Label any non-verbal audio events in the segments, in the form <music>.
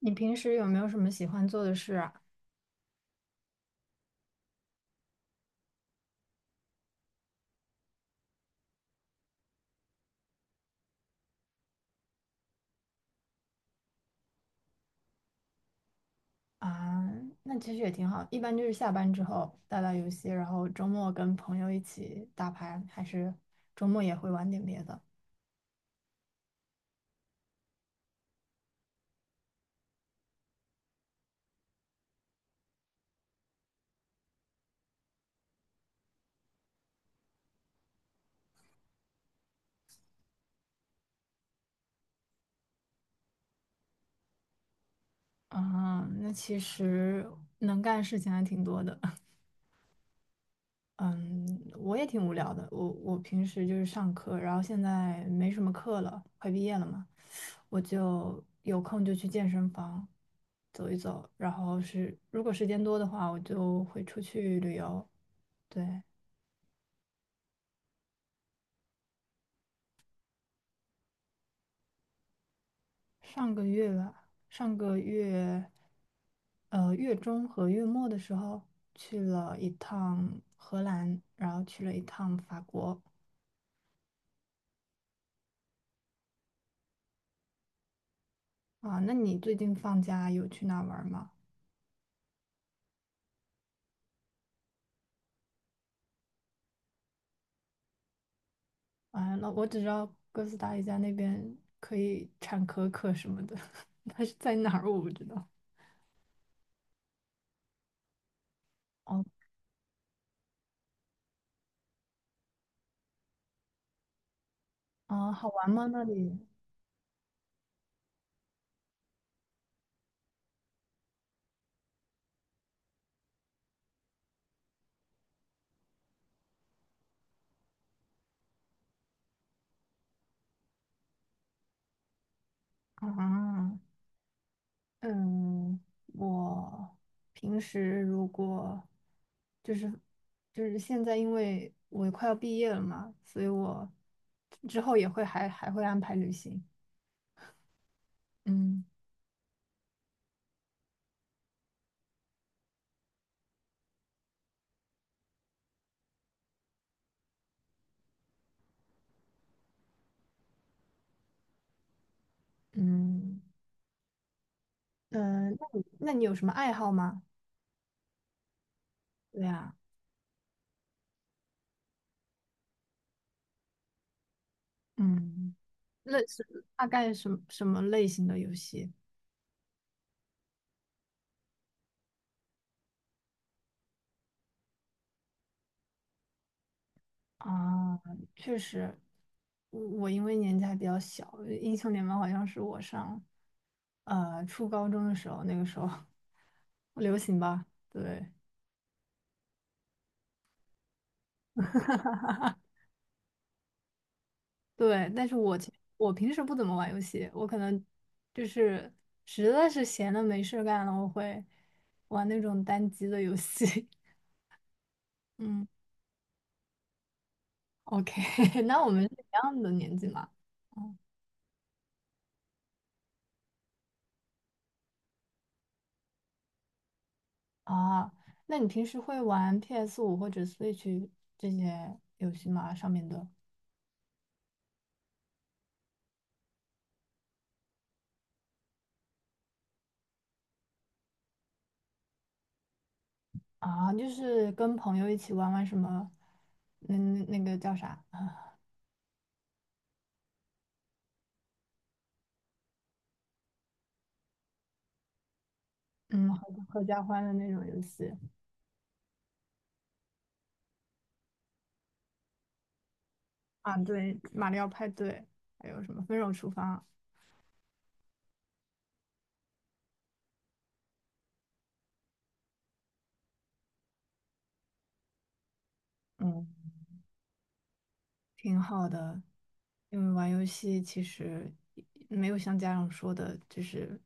你平时有没有什么喜欢做的事啊？啊，那其实也挺好，一般就是下班之后打打游戏，然后周末跟朋友一起打牌，还是周末也会玩点别的。啊，那其实能干的事情还挺多的。<laughs> 嗯，我也挺无聊的。我平时就是上课，然后现在没什么课了，快毕业了嘛，我就有空就去健身房走一走，然后是如果时间多的话，我就会出去旅游。对，上个月吧，上个月，月中和月末的时候去了一趟荷兰，然后去了一趟法国。啊，那你最近放假有去哪玩吗？啊，那我只知道哥斯达黎加那边可以产可可什么的，<laughs> 它是在哪儿我不知道。哦，啊，好玩吗？那里？啊，嗯，我平时如果就是就是现在，因为我快要毕业了嘛，所以我之后也会还会安排旅行。嗯嗯嗯，那你有什么爱好吗？对啊，嗯，类似大概什么类型的游戏？啊，确实，我因为年纪还比较小，英雄联盟好像是我上初高中的时候，那个时候 <laughs> 流行吧，对对，但是我平时不怎么玩游戏，我可能就是实在是闲的没事儿干了，我会玩那种单机的游戏。<laughs> 嗯，OK，<laughs> 那我们是一样的年纪嘛。嗯啊，那你平时会玩 p s 五或者 Switch 这些游戏吗？上面的啊，就是跟朋友一起玩玩什么，那那个叫啥？嗯，合家欢的那种游戏啊，对，马里奥派对，还有什么分手厨房，嗯，挺好的。因为玩游戏其实没有像家长说的，就是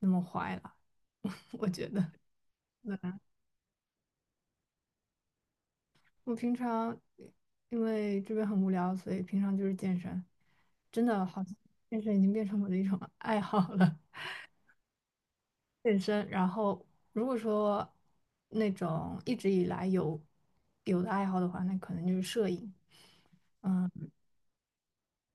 那么坏了，<laughs> 我觉得。我平常因为这边很无聊，所以平常就是健身。真的，好像健身已经变成我的一种 <laughs> 爱好了。健身，然后如果说那种一直以来有有的爱好的话，那可能就是摄影。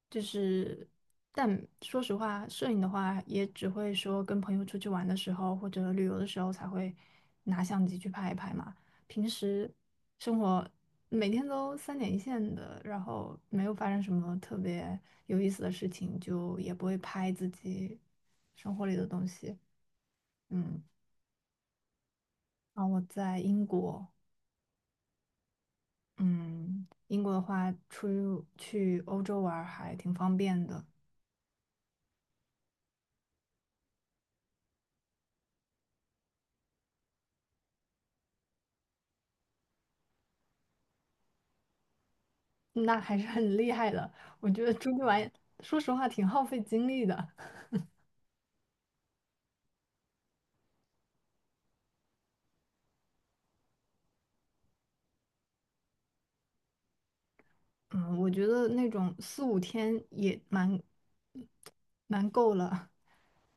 就是，但说实话，摄影的话也只会说跟朋友出去玩的时候或者旅游的时候才会拿相机去拍一拍嘛。平时生活每天都三点一线的，然后没有发生什么特别有意思的事情，就也不会拍自己生活里的东西。嗯，然后我在英国，嗯，英国的话出去欧洲玩儿还挺方便的。那还是很厉害的。我觉得出去玩，说实话挺耗费精力的。嗯，我觉得那种四五天也蛮够了，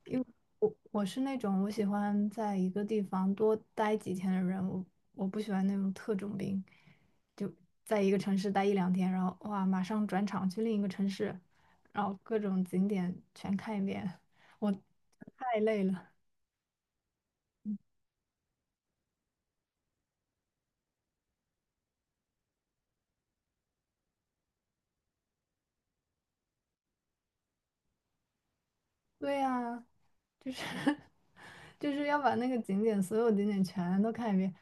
因为我是那种我喜欢在一个地方多待几天的人，我不喜欢那种特种兵，就在一个城市待一两天，然后哇，马上转场去另一个城市，然后各种景点全看一遍，我太累了。对呀。就是 <laughs> 就是要把那个景点所有景点全都看一遍，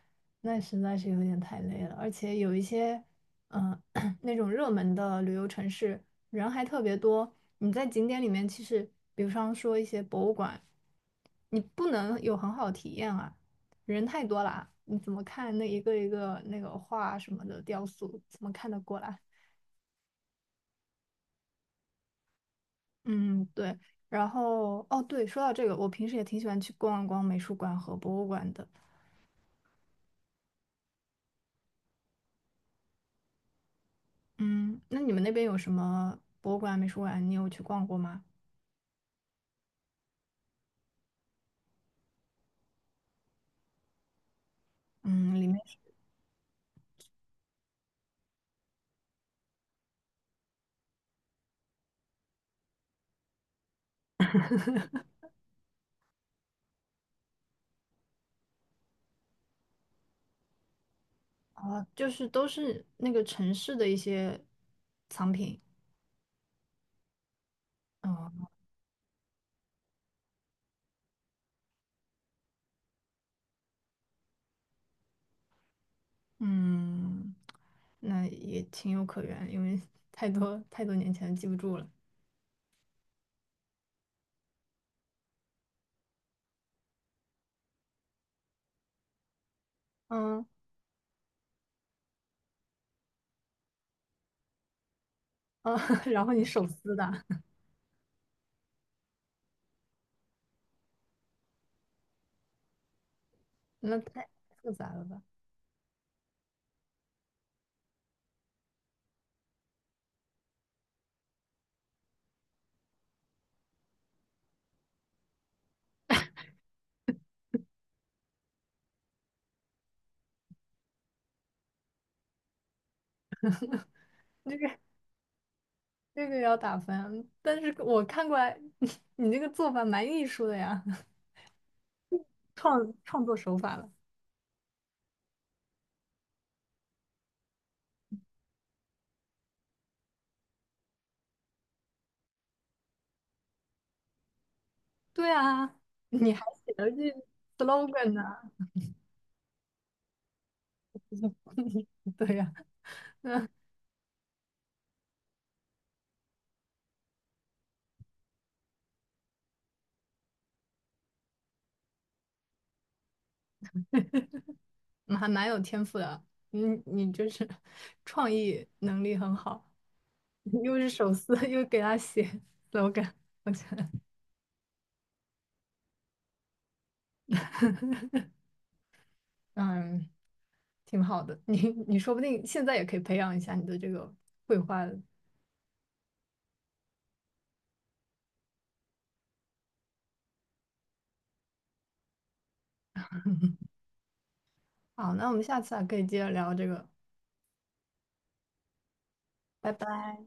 那实在是有点太累了。而且有一些，嗯、<coughs> <clears throat> 那种热门的旅游城市人还特别多。你在景点里面，其实比方说一些博物馆，你不能有很好的体验啊，人太多了啊你怎么看那一个一个那个画什么的雕塑，怎么看得过来？嗯，对。然后，哦，对，说到这个，我平时也挺喜欢去逛一逛美术馆和博物馆的。嗯，那你们那边有什么博物馆、美术馆？你有去逛过吗？嗯，里面啊，就是都是那个城市的一些藏品。哦，嗯，那也情有可原，因为 <laughs> 太多太多年前记不住了。嗯嗯，<laughs> 然后你手撕的，那太复杂了吧？这个这个也要打分，但是我看过来，<laughs> 你这个做法蛮艺术的呀，<laughs> 创作手法了。对啊，你还写了句 slogan 呢、<laughs> 对呀、嗯还蛮有天赋的。你就是创意能力很好，又是手撕，又给他写 slogan，我觉得嗯挺好的。你说不定现在也可以培养一下你的这个绘画。好，那我们下次还可以接着聊这个，拜拜。